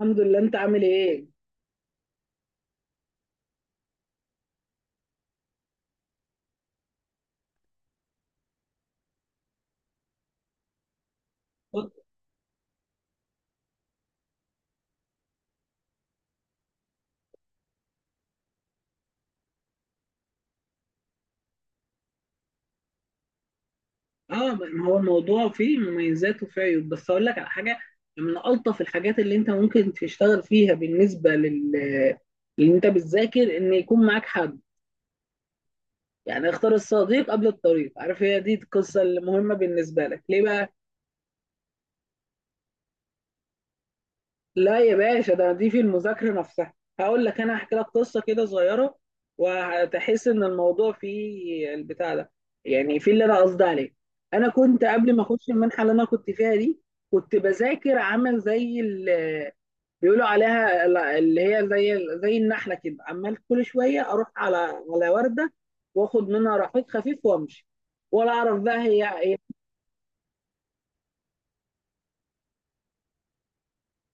الحمد لله، انت عامل ايه؟ اه، ما هو الموضوع فيه مميزات وفيه عيوب، بس اقول لك على حاجه. من الطف الحاجات اللي انت ممكن تشتغل فيها بالنسبه لل اللي انت بتذاكر ان يكون معاك حد. يعني اختار الصديق قبل الطريق، عارف هي دي القصه المهمه بالنسبه لك ليه بقى. لا يا باشا، ده دي في المذاكرة نفسها. هقول لك، أنا هحكي لك قصة كده صغيرة وهتحس إن الموضوع فيه البتاع ده، يعني في اللي أنا قصدي عليه. أنا كنت قبل ما أخش المنحة اللي أنا كنت فيها دي كنت بذاكر عامل زي بيقولوا عليها اللي هي زي النحلة كده، عمال كل شوية أروح على على وردة وآخد منها رحيق خفيف وأمشي، ولا أعرف بقى هي إيه.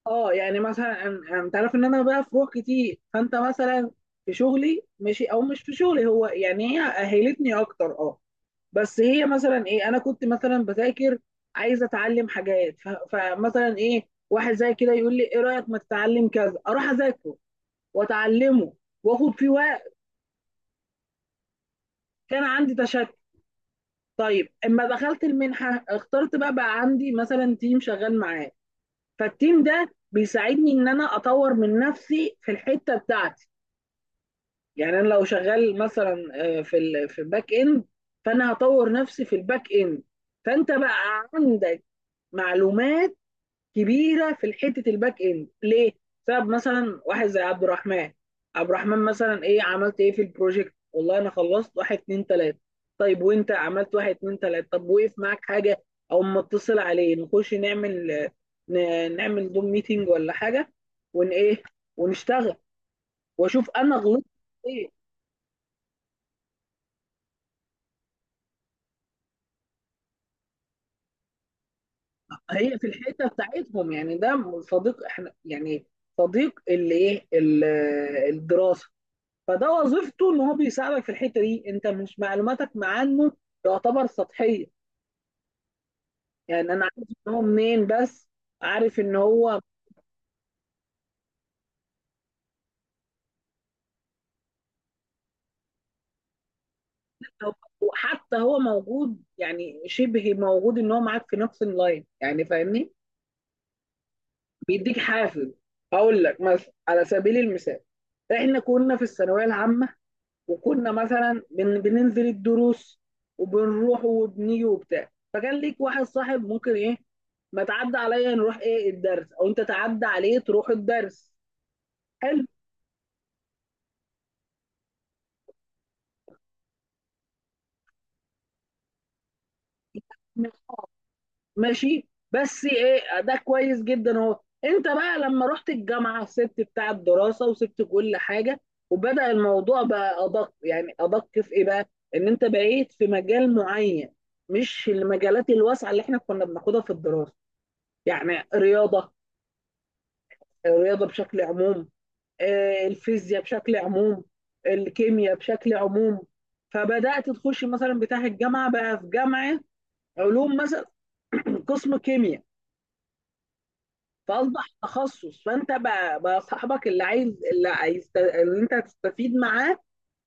اه، يعني مثلا انت عارف ان انا بقى في روح كتير، فانت مثلا في شغلي ماشي او مش في شغلي، هو يعني هي اهلتني اكتر اه. بس هي مثلا ايه، انا كنت مثلا بذاكر عايز اتعلم حاجات، فمثلا ايه واحد زي كده يقول لي ايه رايك ما تتعلم كذا، اروح اذاكره واتعلمه واخد فيه وقت. كان عندي تشتت. طيب اما دخلت المنحه اخترت بقى عندي مثلا تيم شغال معاه، فالتيم ده بيساعدني ان انا اطور من نفسي في الحته بتاعتي. يعني انا لو شغال مثلا في ال في الباك اند، فانا هطور نفسي في الباك اند. فانت بقى عندك معلومات كبيره في حته الباك اند ليه؟ بسبب مثلا واحد زي عبد الرحمن. عبد الرحمن مثلا ايه عملت ايه في البروجكت؟ والله انا خلصت واحد اتنين تلاته. طيب وانت عملت واحد اتنين تلاته؟ طب وقف معاك حاجه؟ او ما اتصل عليه نخش نعمل، نعمل دوم ميتنج ولا حاجه، ون ايه، ونشتغل واشوف انا غلطت ايه. هي في الحته بتاعتهم، يعني ده صديق، احنا يعني صديق اللي ايه، الدراسه. فده وظيفته ان هو بيساعدك في الحته دي، انت مش معلوماتك مع عنه تعتبر سطحيه. يعني انا عارف ان هو منين بس، عارف ان هو. وحتى هو موجود، يعني شبه موجود ان هو معاك في نفس اللاين، يعني فاهمني، بيديك حافز. هقول لك مثلا على سبيل المثال، احنا كنا في الثانويه العامه، وكنا مثلا بننزل الدروس وبنروح وبنيجي وبتاع، فكان ليك واحد صاحب ممكن ايه ما تعدى عليا نروح ايه الدرس، او انت تعدى عليه تروح الدرس. حلو. ماشي، بس ايه ده كويس جدا اهو. انت بقى لما رحت الجامعه سبت بتاع الدراسه وسبت كل حاجه، وبدأ الموضوع بقى ادق، يعني ادق في ايه بقى، ان انت بقيت في مجال معين، مش المجالات الواسعه اللي احنا كنا بناخدها في الدراسه. يعني رياضه، الرياضة بشكل عموم، الفيزياء بشكل عموم، الكيمياء بشكل عموم. فبدأت تخش مثلا بتاع الجامعة، بقى في جامعة علوم مثلا قسم كيمياء. فأصبح تخصص، فأنت بقى، صاحبك اللي عايز، اللي عايز اللي أنت هتستفيد معاه،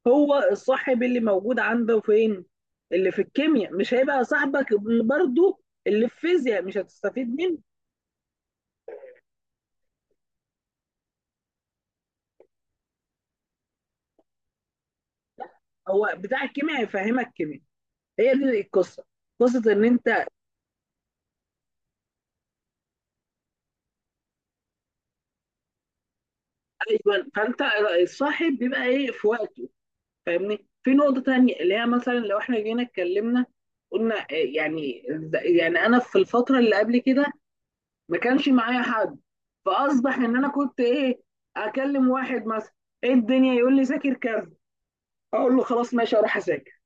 هو الصاحب اللي موجود عنده فين. اللي في الكيمياء مش هيبقى صاحبك برضو، اللي في الفيزياء مش هتستفيد منه. هو بتاع الكيمياء هيفهمك كيمياء، هي دي القصة، قصة إن أنت. ايوه، فانت الصاحب بيبقى ايه في وقته. فاهمني، في نقطه تانية اللي هي مثلا لو احنا جينا اتكلمنا، قلنا إيه يعني. يعني انا في الفتره اللي قبل كده ما كانش معايا حد، فاصبح ان انا كنت ايه، اكلم واحد مثلا ايه الدنيا يقول لي ذاكر كذا، اقول له خلاص ماشي اروح اذاكر.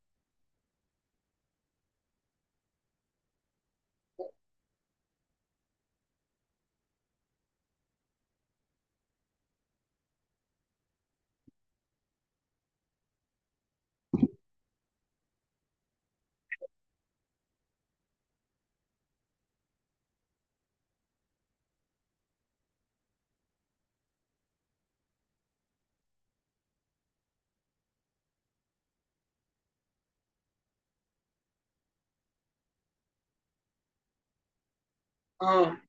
اه.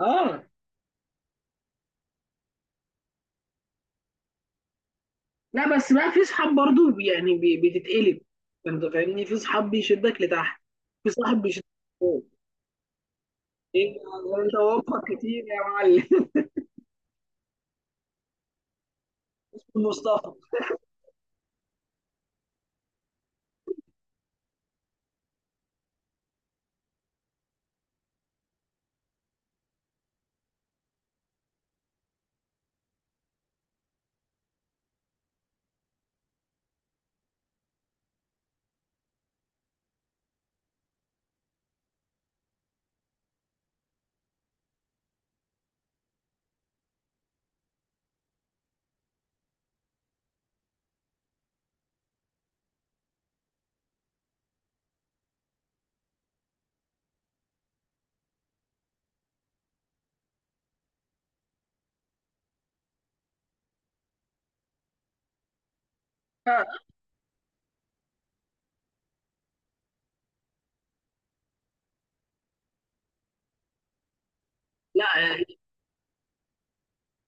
اه، لا بس بقى في صحاب برضو يعني بتتقلب، انت فاهمني، في صحاب بيشدك لتحت، في صاحب بيشدك لفوق. ايه ده انت وفق كتير يا معلم. مصطفى. لا،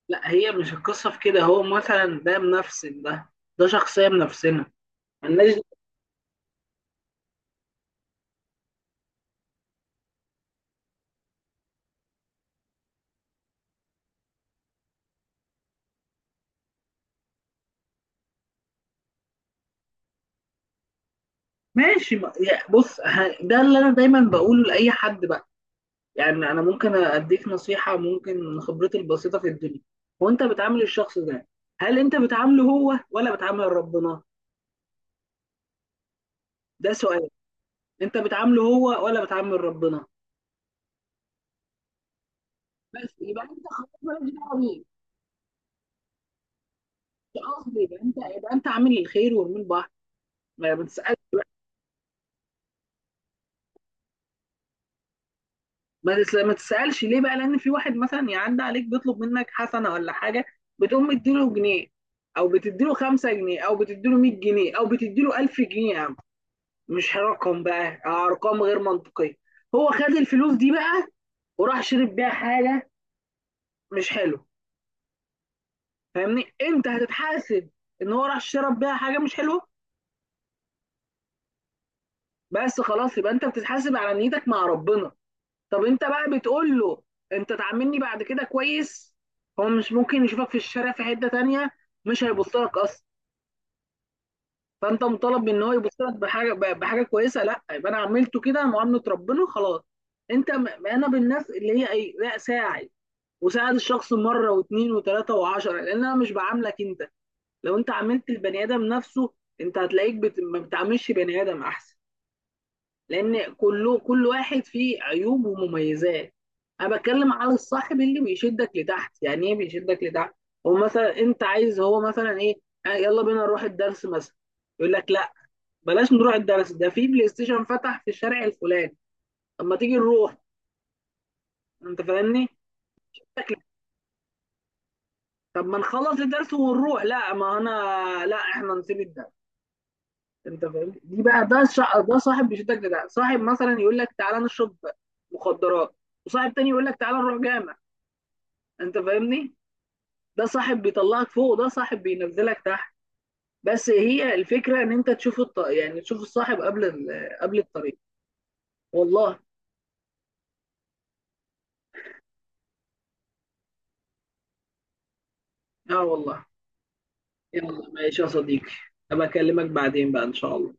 لا هي مش القصة في كده، هو مثلا ده منفسن، ده ده شخصية منفسنة، ملناش. ماشي بص ده اللي أنا دايما بقوله لأي حد بقى. يعني أنا ممكن أديك نصيحة ممكن من خبرتي البسيطة في الدنيا، وأنت بتعامل الشخص ده، هل أنت بتعامله هو ولا بتعامل ربنا؟ ده سؤال. أنت بتعامله هو ولا بتعامل ربنا؟ بس يبقى أنت خلاص مالكش دعوة بيه. مش قصدي، يبقى أنت عامل الخير والمين بعض، ما بتسألش. ما تسألش ليه بقى؟ لأن في واحد مثلا يعدي عليك بيطلب منك حسنة ولا حاجة، بتقوم مديله جنيه، أو بتديله 5 جنيه، أو بتديله 100 جنيه، أو بتديله 1000 جنيه يا عم، مش رقم بقى، أرقام غير منطقية. هو خد الفلوس دي بقى وراح شرب بيها حاجة مش حلوة. فاهمني، أنت هتتحاسب إن هو راح شرب بيها حاجة مش حلوة؟ بس خلاص، يبقى أنت بتتحاسب على نيتك مع ربنا. طب انت بقى بتقول له انت تعاملني بعد كده كويس؟ هو مش ممكن يشوفك في الشارع في حتة تانية، مش هيبص لك اصلا. فانت مطالب من ان هو يبص لك بحاجة، بحاجة كويسة؟ لا، يبقى انا عملته كده معاملة ربنا خلاص. انت انا بالناس اللي هي ايه، لا ساعد، وساعد الشخص مرة واثنين وثلاثة وعشرة، لان انا مش بعاملك انت. لو انت عاملت البني ادم نفسه، انت هتلاقيك ما بتعاملش بني ادم احسن، لان كله، كل واحد فيه عيوب ومميزات. انا بتكلم على الصاحب اللي بيشدك لتحت. يعني ايه بيشدك لتحت؟ هو مثلا انت عايز، هو مثلا ايه، يلا بينا نروح الدرس مثلا، يقول لك لا، بلاش نروح الدرس، ده في بلاي ستيشن فتح في الشارع الفلاني، طب ما تيجي نروح. انت فاهمني، يقول لك لا. طب ما نخلص الدرس ونروح، لا ما انا، لا احنا نسيب الدرس. انت فاهمني دي بقى، ده ده صاحب بيشدك لتحت. صاحب مثلا يقول لك تعالى نشرب مخدرات، وصاحب تاني يقول لك تعالى نروح جامع، انت فاهمني. ده صاحب بيطلعك فوق، وده صاحب بينزلك تحت. بس هي الفكره ان انت تشوف يعني تشوف الصاحب قبل قبل الطريق، والله. اه والله. يلا ماشي يا صديقي، ابقى اكلمك بعدين بقى ان شاء الله.